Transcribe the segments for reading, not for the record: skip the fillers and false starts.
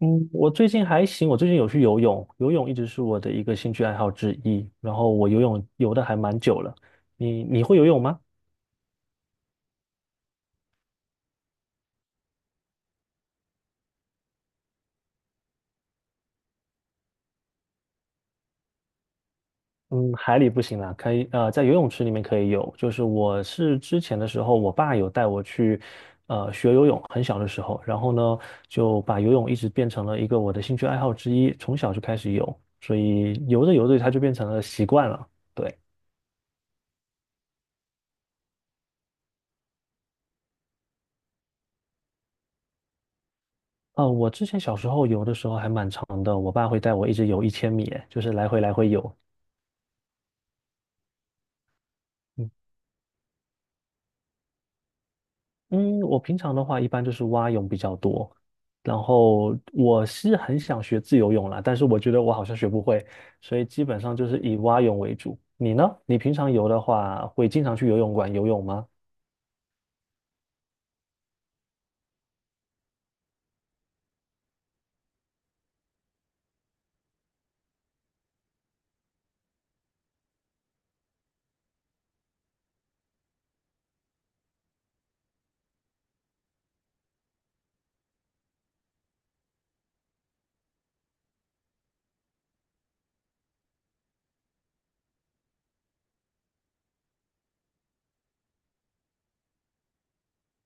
嗯，我最近还行，我最近有去游泳，游泳一直是我的一个兴趣爱好之一。然后我游泳游的还蛮久了，你会游泳吗？嗯，海里不行啦，可以在游泳池里面可以游。就是我是之前的时候，我爸有带我去学游泳，很小的时候，然后呢就把游泳一直变成了一个我的兴趣爱好之一，从小就开始游，所以游着游着它就变成了习惯了。对。我之前小时候游的时候还蛮长的，我爸会带我一直游一千米，哎就是来回来回游，嗯，嗯我平常的话一般就是蛙泳比较多，然后我是很想学自由泳啦，但是我觉得我好像学不会，所以基本上就是以蛙泳为主。你呢？你平常游的话，会经常去游泳馆游泳吗？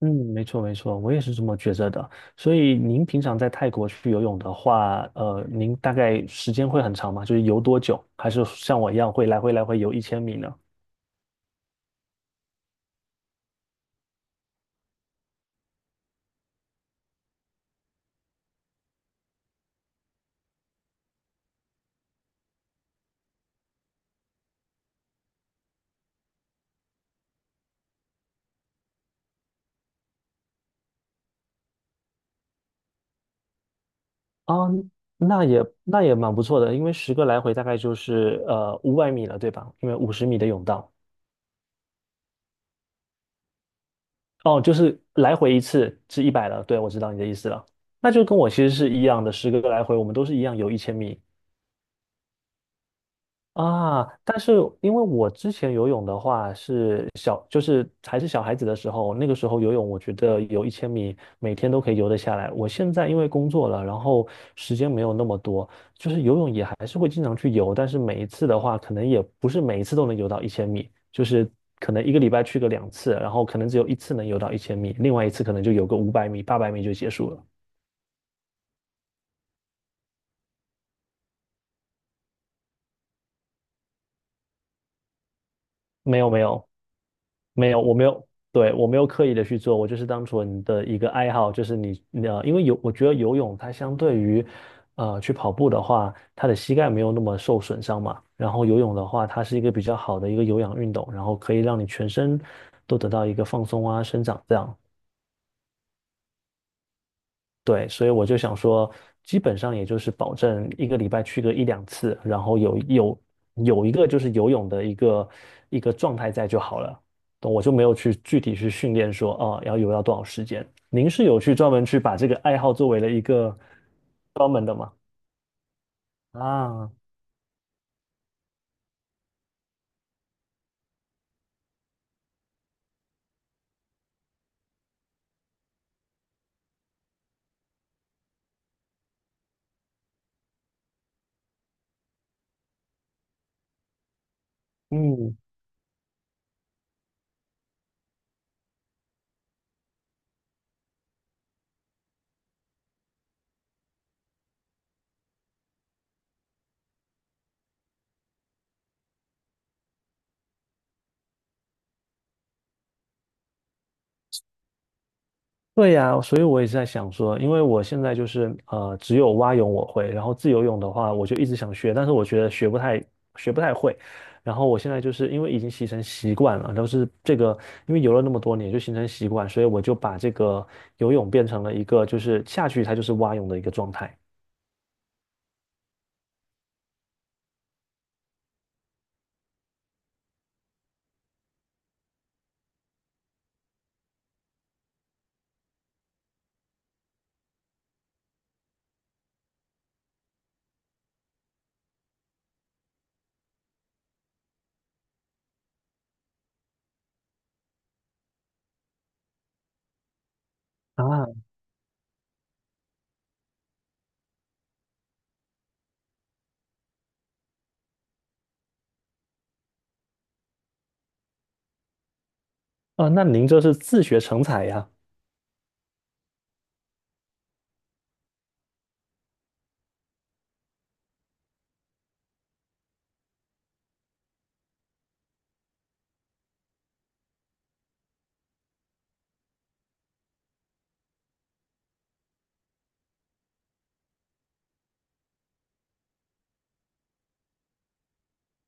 嗯，没错没错，我也是这么觉着的。所以您平常在泰国去游泳的话，您大概时间会很长吗？就是游多久？还是像我一样会来回来回游一千米呢？啊，那也蛮不错的，因为十个来回大概就是五百米了，对吧？因为50米的泳道，哦，就是来回一次是100了。对，我知道你的意思了，那就跟我其实是一样的，十个来回我们都是一样游一千米，啊，但是因为我之前游泳的话是小，就是还是小孩子的时候，那个时候游泳，我觉得游一千米每天都可以游得下来。我现在因为工作了，然后时间没有那么多，就是游泳也还是会经常去游，但是每一次的话，可能也不是每一次都能游到一千米，就是可能一个礼拜去个两次，然后可能只有一次能游到一千米，另外一次可能就游个五百米、800米就结束了。没有没有，没有，我没有，对，我没有刻意的去做，我就是当纯的一个爱好，就是你，你呃，因为游，我觉得游泳它相对于，去跑步的话，它的膝盖没有那么受损伤嘛，然后游泳的话，它是一个比较好的一个有氧运动，然后可以让你全身都得到一个放松啊、生长这样，对，所以我就想说，基本上也就是保证一个礼拜去个一两次，然后有一个就是游泳的一个状态在就好了。懂我就没有去具体去训练说，哦，要游到多少时间。您是有去专门去把这个爱好作为了一个专门的吗？啊，嗯，对呀，所以我也是在想说，因为我现在就是只有蛙泳我会，然后自由泳的话，我就一直想学，但是我觉得学不太会。然后我现在就是因为已经形成习惯了，都是这个，因为游了那么多年就形成习惯，所以我就把这个游泳变成了一个就是下去它就是蛙泳的一个状态啊啊。那您这是自学成才呀？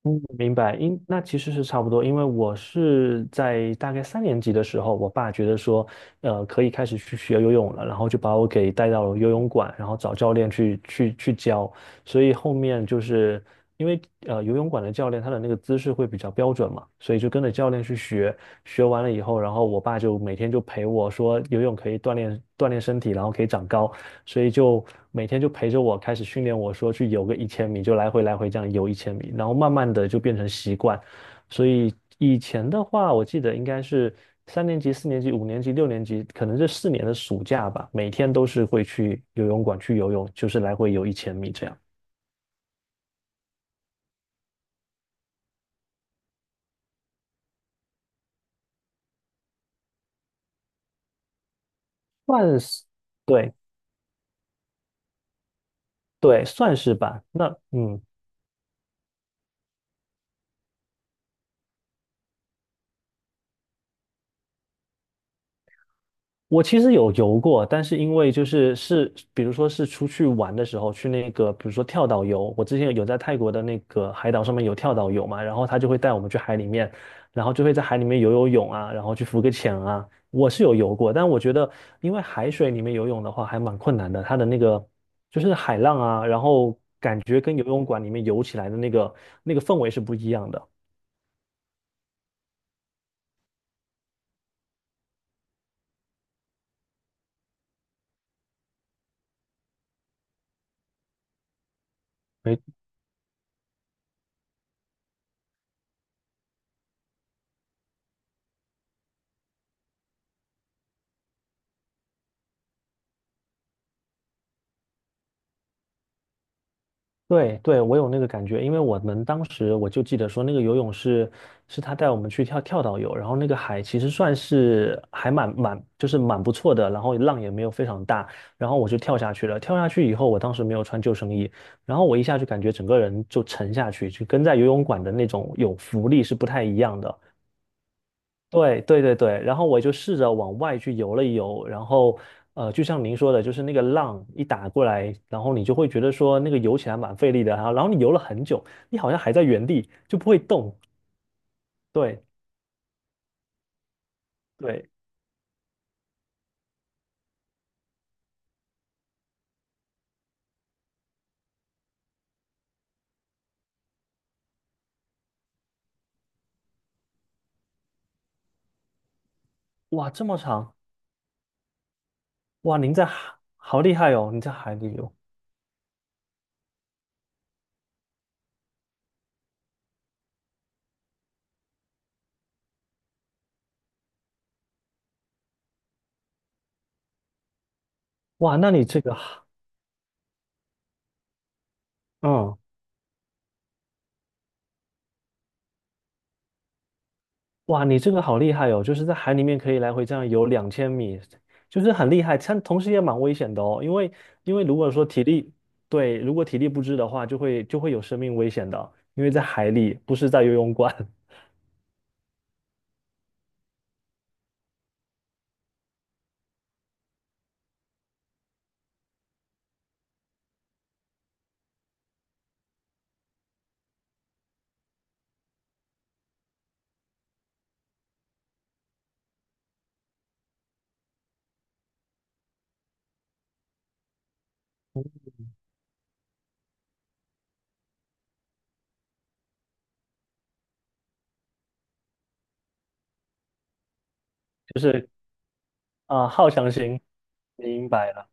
嗯，明白，因那其实是差不多，因为我是在大概三年级的时候，我爸觉得说，可以开始去学游泳了，然后就把我给带到了游泳馆，然后找教练去教，所以后面就是因为游泳馆的教练他的那个姿势会比较标准嘛，所以就跟着教练去学，学完了以后，然后我爸就每天就陪我说游泳可以锻炼锻炼身体，然后可以长高，所以就每天就陪着我开始训练我说去游个一千米，就来回来回这样游一千米，然后慢慢的就变成习惯。所以以前的话，我记得应该是三年级、4年级、5年级、6年级，可能这四年的暑假吧，每天都是会去游泳馆去游泳，就是来回游一千米这样。算是，对对，算是吧。那嗯，我其实有游过，但是因为就是，比如说是出去玩的时候，去那个，比如说跳岛游，我之前有在泰国的那个海岛上面有跳岛游嘛，然后他就会带我们去海里面，然后就会在海里面游游泳啊，然后去浮个潜啊，我是有游过，但我觉得因为海水里面游泳的话还蛮困难的，它的那个就是海浪啊，然后感觉跟游泳馆里面游起来的那个氛围是不一样的。对对，我有那个感觉，因为我们当时我就记得说，那个游泳是他带我们去跳岛游，然后那个海其实算是还就是蛮不错的，然后浪也没有非常大，然后我就跳下去了。跳下去以后，我当时没有穿救生衣，然后我一下就感觉整个人就沉下去，就跟在游泳馆的那种有浮力是不太一样的。对对对对，然后我就试着往外去游了游，然后就像您说的，就是那个浪一打过来，然后你就会觉得说那个游起来蛮费力的，然后你游了很久，你好像还在原地就不会动。对对，哇，这么长，哇，您在海好厉害哦，你在海里游，哇，那你这个，嗯哇，你这个好厉害哦！就是在海里面可以来回这样游2000米，就是很厉害，但同时也蛮危险的哦。因为如果说体力，对，如果体力不支的话，就会有生命危险的。因为在海里，不是在游泳馆，就是啊、好强行，明白了。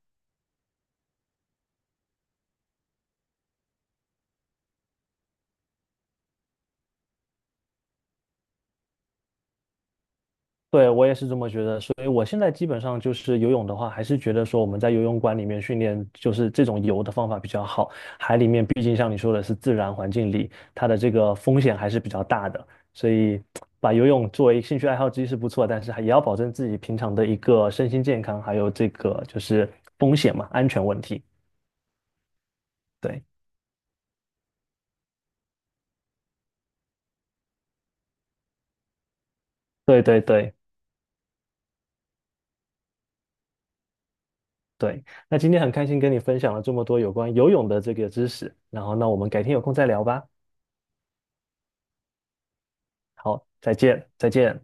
对，我也是这么觉得，所以我现在基本上就是游泳的话，还是觉得说我们在游泳馆里面训练，就是这种游的方法比较好。海里面毕竟像你说的是自然环境里，它的这个风险还是比较大的，所以把游泳作为兴趣爱好之一是不错，但是还也要保证自己平常的一个身心健康，还有这个就是风险嘛，安全问题。对，对对对对。那今天很开心跟你分享了这么多有关游泳的这个知识，然后那我们改天有空再聊吧。好，再见，再见。